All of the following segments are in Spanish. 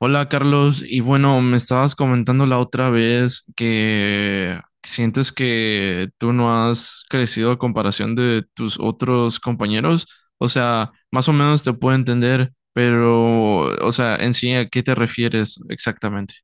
Hola Carlos, y bueno, me estabas comentando la otra vez que sientes que tú no has crecido a comparación de tus otros compañeros. O sea, más o menos te puedo entender, pero, o sea, en sí, ¿a qué te refieres exactamente?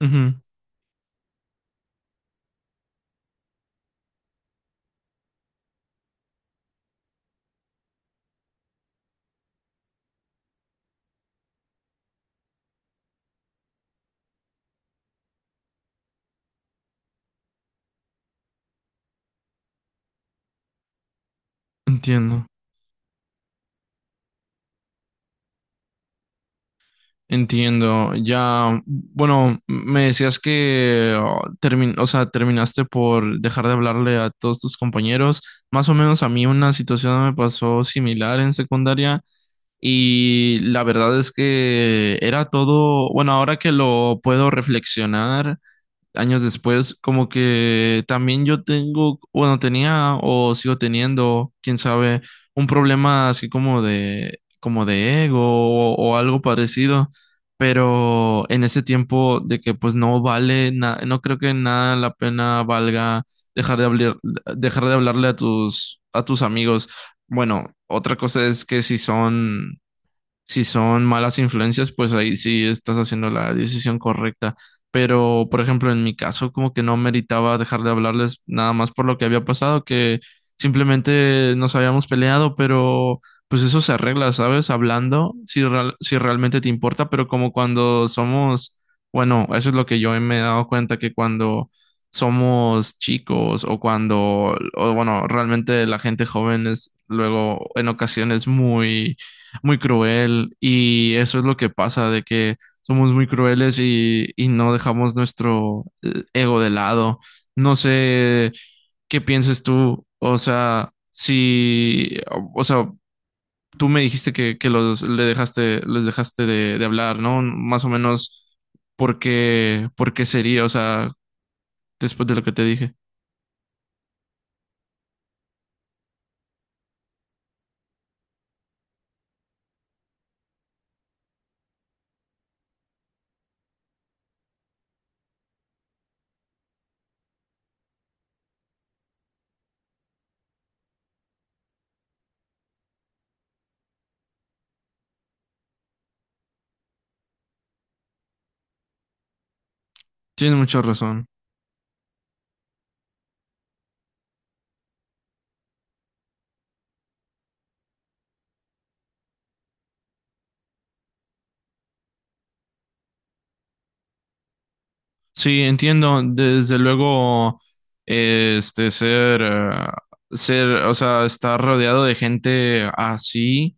Ujú, entiendo. Entiendo, ya, bueno, me decías que oh, o sea, terminaste por dejar de hablarle a todos tus compañeros. Más o menos a mí una situación me pasó similar en secundaria y la verdad es que era todo, bueno, ahora que lo puedo reflexionar, años después, como que también yo tengo, bueno, tenía o sigo teniendo, quién sabe, un problema así como de, ego o algo parecido, pero en ese tiempo de que pues no vale, no creo que nada la pena valga dejar de hablar, dejar de hablarle a tus, amigos. Bueno, otra cosa es que si son malas influencias, pues ahí sí estás haciendo la decisión correcta. Pero, por ejemplo, en mi caso, como que no meritaba dejar de hablarles nada más por lo que había pasado, que simplemente nos habíamos peleado, pero pues eso se arregla, ¿sabes? Hablando, si realmente te importa, pero como cuando somos, bueno, eso es lo que yo me he dado cuenta, que cuando somos chicos o cuando, o bueno, realmente la gente joven es luego en ocasiones muy muy cruel y eso es lo que pasa, de que somos muy crueles y no dejamos nuestro ego de lado. No sé qué pienses tú, o sea, si, o sea, tú me dijiste que les dejaste de hablar, ¿no? Más o menos, ¿por qué sería? O sea, después de lo que te dije. Tienes mucha razón. Sí, entiendo. Desde luego, este, ser, o sea, estar rodeado de gente así.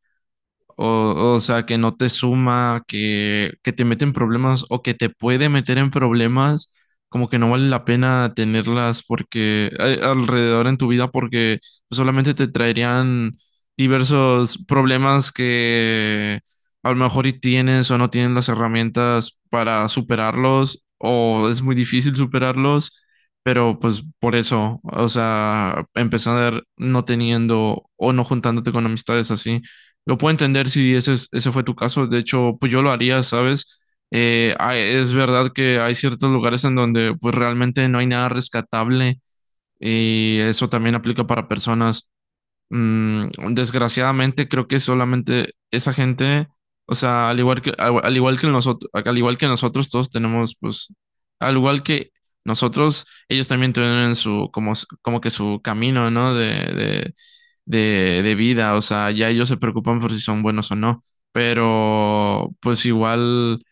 O sea, que no te suma, que te mete en problemas o que te puede meter en problemas, como que no vale la pena tenerlas porque alrededor en tu vida porque solamente te traerían diversos problemas que a lo mejor y tienes o no tienes las herramientas para superarlos o es muy difícil superarlos, pero pues por eso, o sea, empezar no teniendo o no juntándote con amistades así. Lo puedo entender si ese fue tu caso. De hecho, pues yo lo haría, ¿sabes? Es verdad que hay ciertos lugares en donde pues realmente no hay nada rescatable y eso también aplica para personas. Mm, desgraciadamente creo que solamente esa gente, o sea, al igual que nosotros todos tenemos pues al igual que nosotros, ellos también tienen su como que su camino, ¿no? De de vida, o sea, ya ellos se preocupan por si son buenos o no, pero pues igual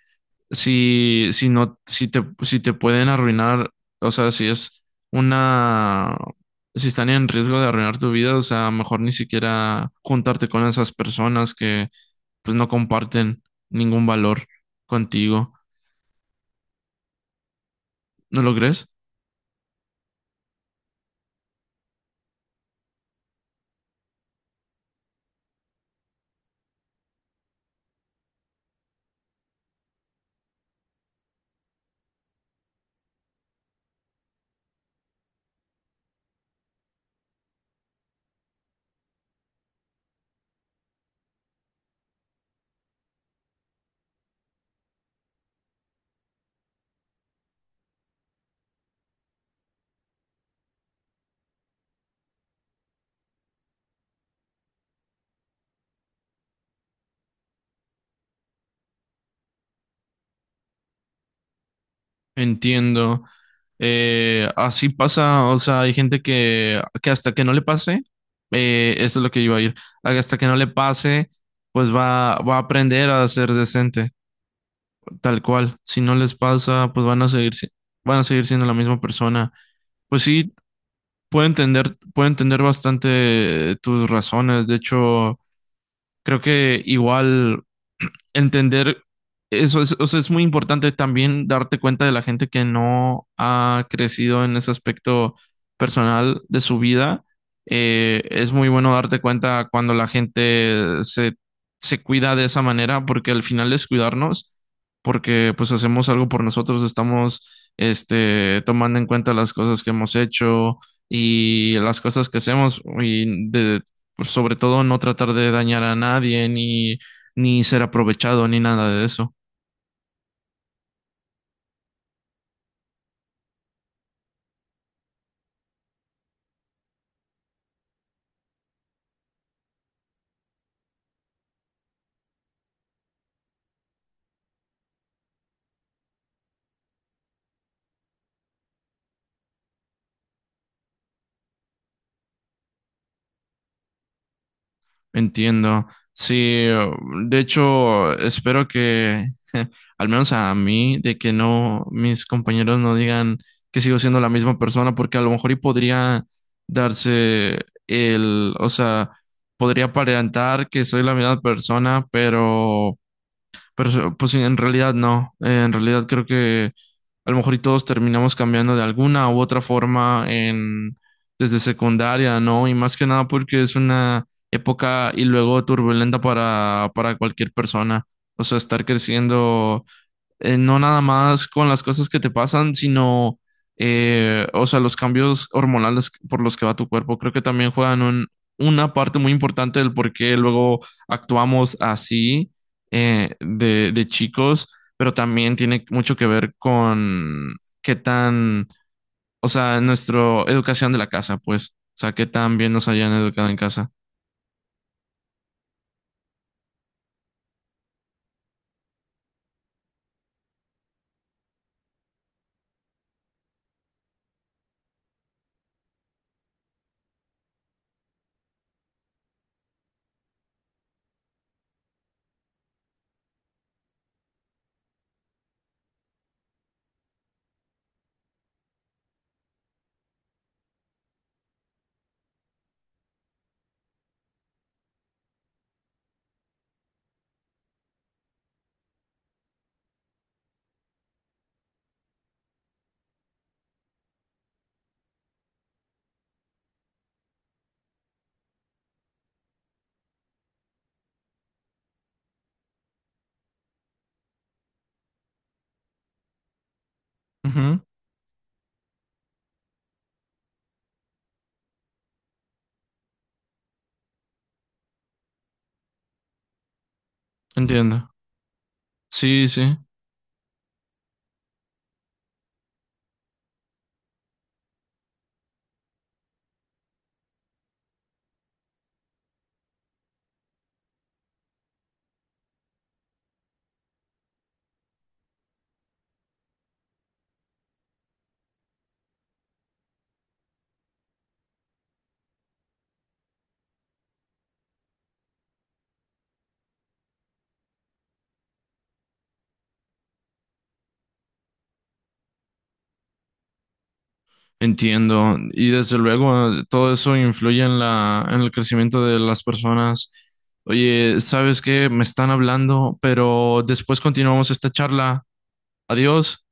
si no, si te pueden arruinar, o sea, una, si están en riesgo de arruinar tu vida, o sea, mejor ni siquiera juntarte con esas personas que pues no comparten ningún valor contigo. ¿No lo crees? Entiendo. Así pasa, o sea, hay gente que hasta que no le pase, eso es lo que iba a ir, hasta que no le pase, pues va a aprender a ser decente. Tal cual, si no les pasa, pues van a seguir, van a seguir siendo la misma persona. Pues sí, puedo entender bastante tus razones. De hecho, creo que igual entender eso es, o sea, es muy importante también darte cuenta de la gente que no ha crecido en ese aspecto personal de su vida. Es muy bueno darte cuenta cuando la gente se cuida de esa manera, porque al final es cuidarnos, porque pues hacemos algo por nosotros, estamos este, tomando en cuenta las cosas que hemos hecho y las cosas que hacemos pues, sobre todo no tratar de dañar a nadie ni ser aprovechado ni nada de eso. Entiendo. Sí, de hecho, espero que, al menos a mí, de que no, mis compañeros no digan que sigo siendo la misma persona, porque a lo mejor y podría darse o sea, podría aparentar que soy la misma persona, pero pues sí, en realidad no. En realidad creo que a lo mejor y todos terminamos cambiando de alguna u otra forma en desde secundaria, ¿no? Y más que nada porque es una época y luego turbulenta para cualquier persona. O sea, estar creciendo no nada más con las cosas que te pasan, sino, o sea, los cambios hormonales por los que va tu cuerpo. Creo que también juegan una parte muy importante del por qué luego actuamos así de chicos, pero también tiene mucho que ver con qué tan, o sea, nuestra educación de la casa, pues, o sea, qué tan bien nos hayan educado en casa. Ujú, entiendo. Sí, sí. Entiendo. Y desde luego todo eso influye en el crecimiento de las personas. Oye, ¿sabes qué? Me están hablando, pero después continuamos esta charla. Adiós.